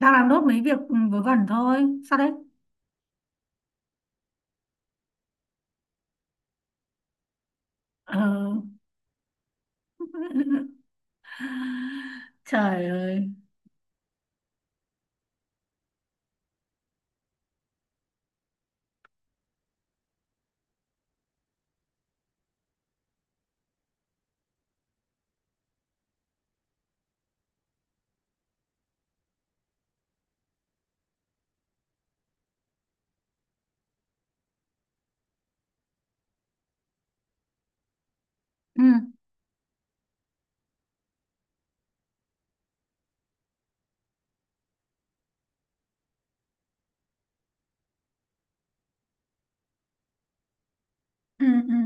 Đang làm nốt mấy việc vớ vẩn thôi. Sao đấy? Ờ. Trời ơi. Ừ, ừ, ừ.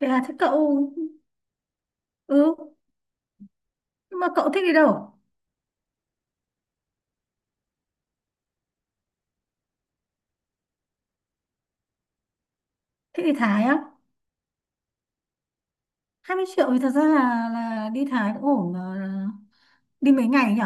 Thế là thế cậu? Ừ, nhưng mà cậu thích đi đâu? Thích đi Thái á? 20 triệu thì thật ra là đi Thái cũng ổn mà. Đi mấy ngày nhỉ?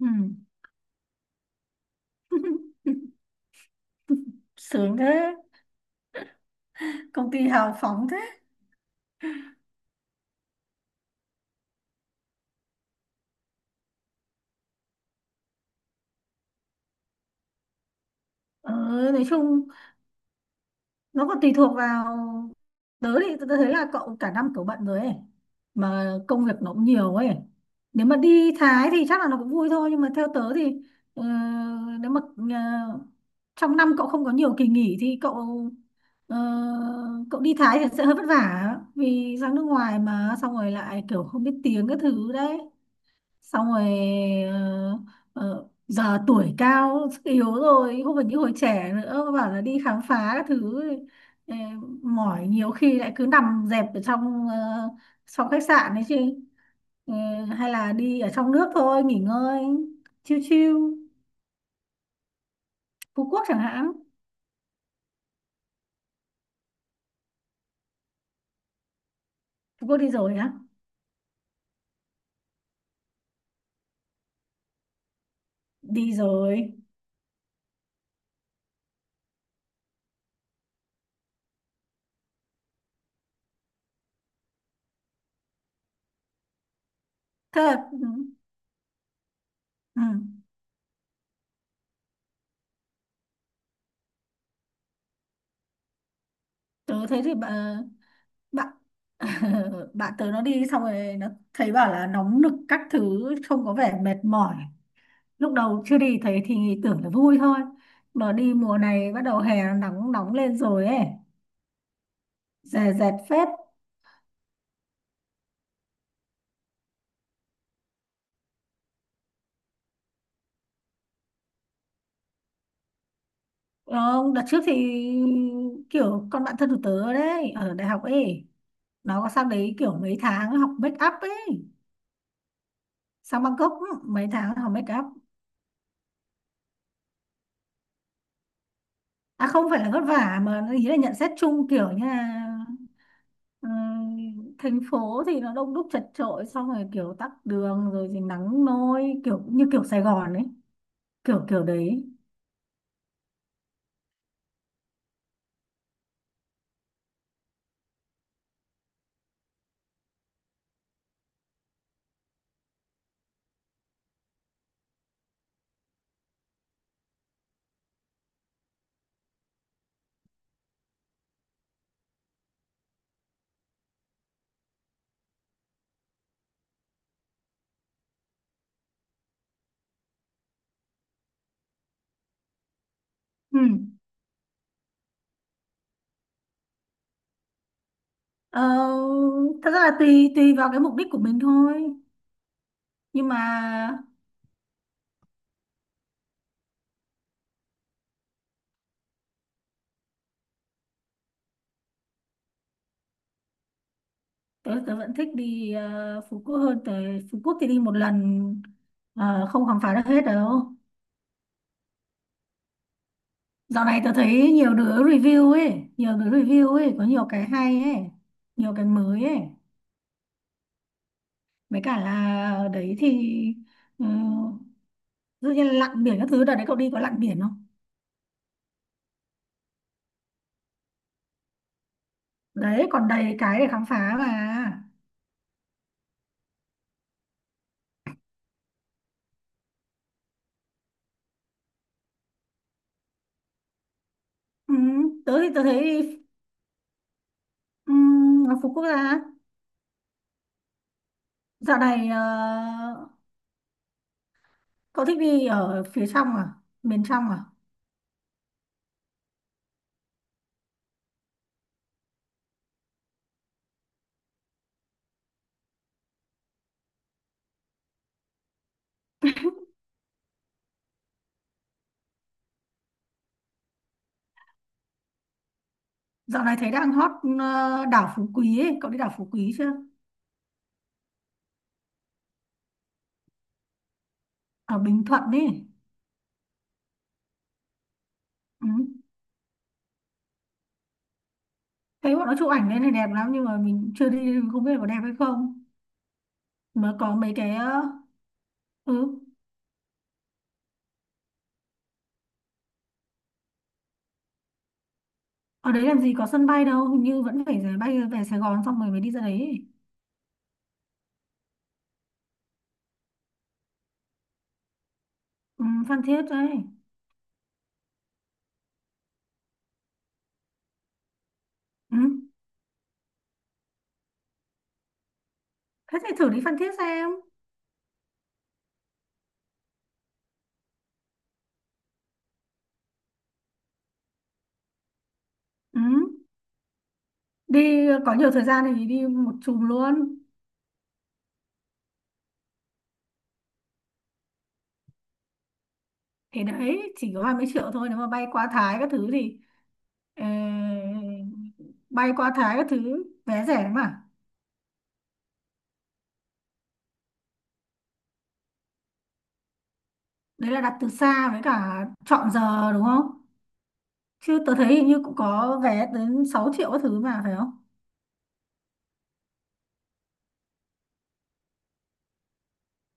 Ừ. Sướng thế. Công ty hào phóng thế. Ừ. Nói chung nó còn tùy thuộc vào. Tớ thì tớ thấy là cậu cả năm cậu bận rồi ấy, mà công việc nó cũng nhiều ấy. Nếu mà đi Thái thì chắc là nó cũng vui thôi, nhưng mà theo tớ thì ờ, nếu mà ờ, trong năm cậu không có nhiều kỳ nghỉ thì cậu ờ, cậu đi Thái thì sẽ hơi vất vả, vì sang nước ngoài mà xong rồi lại kiểu không biết tiếng các thứ đấy, xong rồi ờ, giờ tuổi cao sức yếu rồi không phải như hồi trẻ nữa bảo là đi khám phá các thứ, ờ, mỏi nhiều khi lại cứ nằm dẹp ở trong trong khách sạn đấy chứ. Ờ, hay là đi ở trong nước thôi nghỉ ngơi, chiêu chiêu. Phú Quốc chẳng hạn. Phú Quốc đi rồi á? Đi rồi. Thế là. Ừ, ừ. Tớ thấy thì bạn bạn tớ nó đi xong rồi nó thấy bảo là nóng nực các thứ, trông có vẻ mệt mỏi. Lúc đầu chưa đi thấy thì tưởng là vui thôi, mà đi mùa này bắt đầu hè nó nóng nóng lên rồi ấy. Dè dẹt phết. Ờ, đợt trước thì kiểu con bạn thân của tớ đấy ở đại học ấy, nó có sang đấy kiểu mấy tháng học make up ấy. Sang Bangkok mấy tháng học make up. À, không phải là vất vả mà ý là nhận xét chung kiểu như là, Ờ, thành phố thì nó đông đúc chật chội, xong rồi kiểu tắc đường, rồi thì nắng nôi kiểu như kiểu Sài Gòn ấy, kiểu kiểu đấy. Ừ. ờ, Thật ra là tùy tùy vào cái mục đích của mình thôi. Nhưng mà tớ tớ vẫn thích đi Phú Quốc hơn. Tới Phú Quốc thì đi một lần, không khám phá được hết đâu. Dạo này tớ thấy nhiều đứa review ấy, nhiều đứa review ấy có nhiều cái hay ấy, nhiều cái mới ấy. Mấy cả là ở đấy thì ờ, dụ như lặn biển các thứ, đợt đấy cậu đi có lặn biển không? Đấy còn đầy cái để khám phá mà. Ừ, tớ thì tớ thấy đi. ừ, Ngắm phố quốc gia. Dạo này cậu thích đi ở phía trong à? Miền trong à? Dạo này thấy đang hot đảo Phú Quý ấy. Cậu đi đảo Phú Quý chưa? Ở Bình Thuận ấy. Ừ. Thấy bọn nó chụp ảnh lên này đẹp lắm, nhưng mà mình chưa đi nên không biết là có đẹp hay không. Mà có mấy cái ừ, ở đấy làm gì có sân bay đâu, hình như vẫn phải rẽ bay về Sài Gòn xong rồi mới đi ra đấy. Ừ, Phan Thiết đấy. Ừ. Thế thì thử đi Phan Thiết xem. Ừ. Đi có nhiều thời gian thì đi một chùm luôn. Thì đấy chỉ có hai mấy triệu thôi, nếu mà bay qua Thái các thứ thì ờ, bay qua Thái các thứ vé rẻ mà. Đấy là đặt từ xa, với cả chọn giờ đúng không? Chứ tớ thấy hình như cũng có vé đến 6 triệu các thứ mà phải không?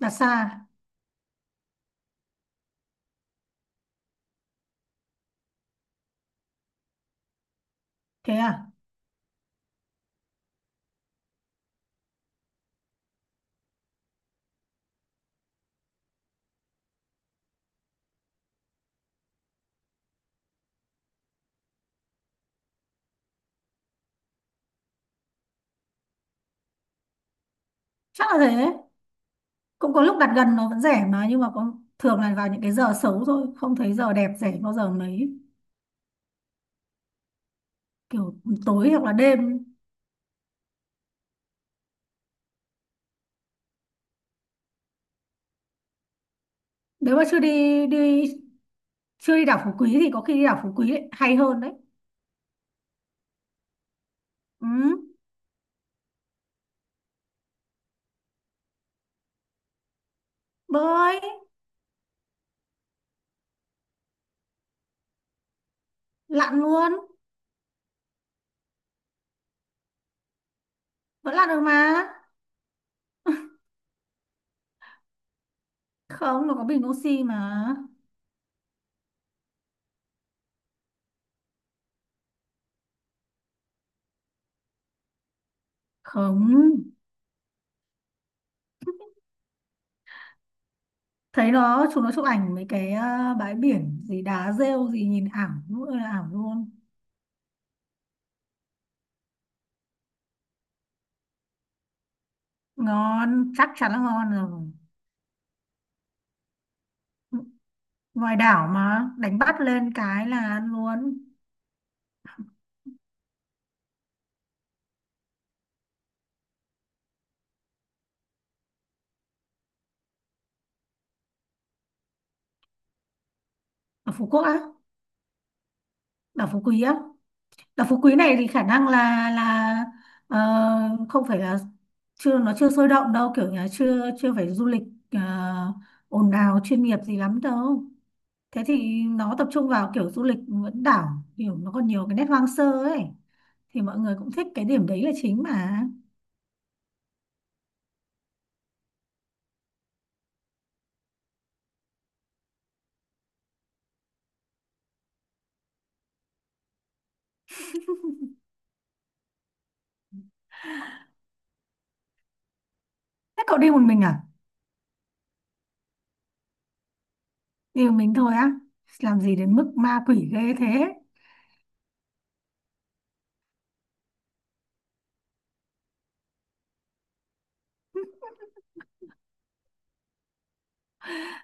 Đặt xa. Thế à? Chắc là thế. Cũng có lúc đặt gần nó vẫn rẻ mà, nhưng mà có thường là vào những cái giờ xấu thôi, không thấy giờ đẹp rẻ bao giờ mấy. Kiểu tối hoặc là đêm. Nếu mà chưa đi, đi chưa đi đảo Phú Quý thì có khi đi đảo Phú Quý lại hay hơn đấy. Ừ. Bơi lặn luôn. Vẫn lặn được mà. Không, nó có bình oxy mà. Không. Thấy chúng nó chụp ảnh mấy cái bãi biển gì đá rêu gì nhìn ảo nữa là ảo luôn. Ngon chắc chắn là ngon rồi. Ngoài đảo mà đánh bắt lên cái là ăn luôn. Ở Phú Quốc á? Đảo Phú Quý á. Đảo Phú Quý này thì khả năng là ờ, không phải là, chưa nó chưa sôi động đâu, kiểu nhà chưa chưa phải du lịch ờ, ồn ào chuyên nghiệp gì lắm đâu. Thế thì nó tập trung vào kiểu du lịch vẫn đảo, kiểu nó còn nhiều cái nét hoang sơ ấy. Thì mọi người cũng thích cái điểm đấy là chính mà. Thế cậu đi một mình à? Đi một mình thôi á? Làm gì đến mức ma quỷ ghê thế.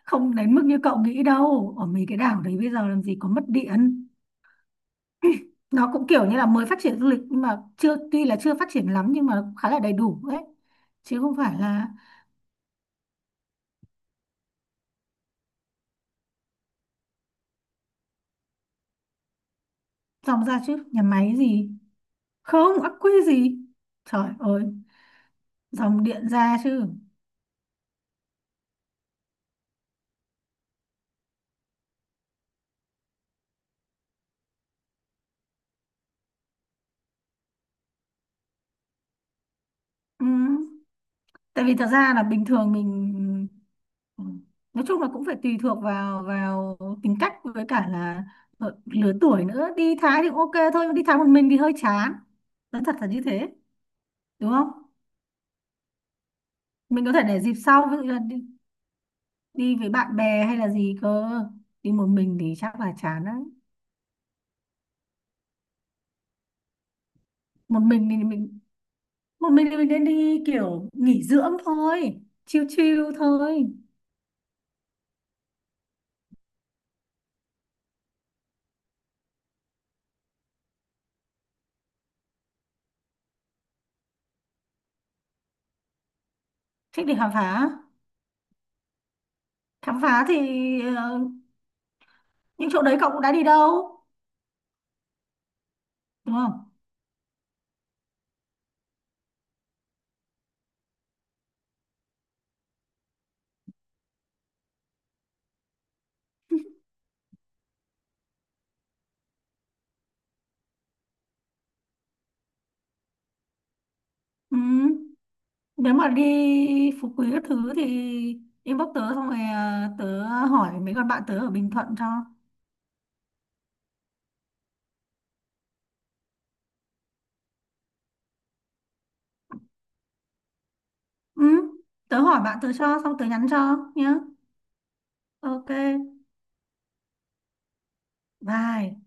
Không đến mức như cậu nghĩ đâu, ở mấy cái đảo đấy bây giờ làm gì có mất điện. Nó cũng kiểu như là mới phát triển du lịch, nhưng mà chưa tuy là chưa phát triển lắm, nhưng mà nó cũng khá là đầy đủ đấy, chứ không phải là. Dòng ra chứ nhà máy gì. Không ắc quy gì. Trời ơi. Dòng điện ra chứ. Ừ. Tại vì thật ra là bình thường mình, ừ, nói chung là cũng phải tùy thuộc vào vào tính cách, với cả là lứa tuổi nữa. Đi Thái thì cũng ok thôi, nhưng đi Thái một mình thì hơi chán, nói thật là như thế. Đúng không? Mình có thể để dịp sau, ví dụ như là đi đi với bạn bè hay là gì cơ. Đi một mình thì chắc là chán lắm. một mình thì mình Một mình thì mình nên đi kiểu nghỉ dưỡng thôi, chill chill thôi. Thích đi khám phá. Khám phá thì ờ, những chỗ đấy cậu cũng đã đi đâu, đúng không? Ừ. Nếu mà đi Phú Quý các thứ thì inbox tớ, xong rồi tớ hỏi mấy con bạn tớ ở Bình Thuận cho. Ừ. Tớ hỏi bạn tớ cho xong tớ nhắn cho nhá. Ok. Bye.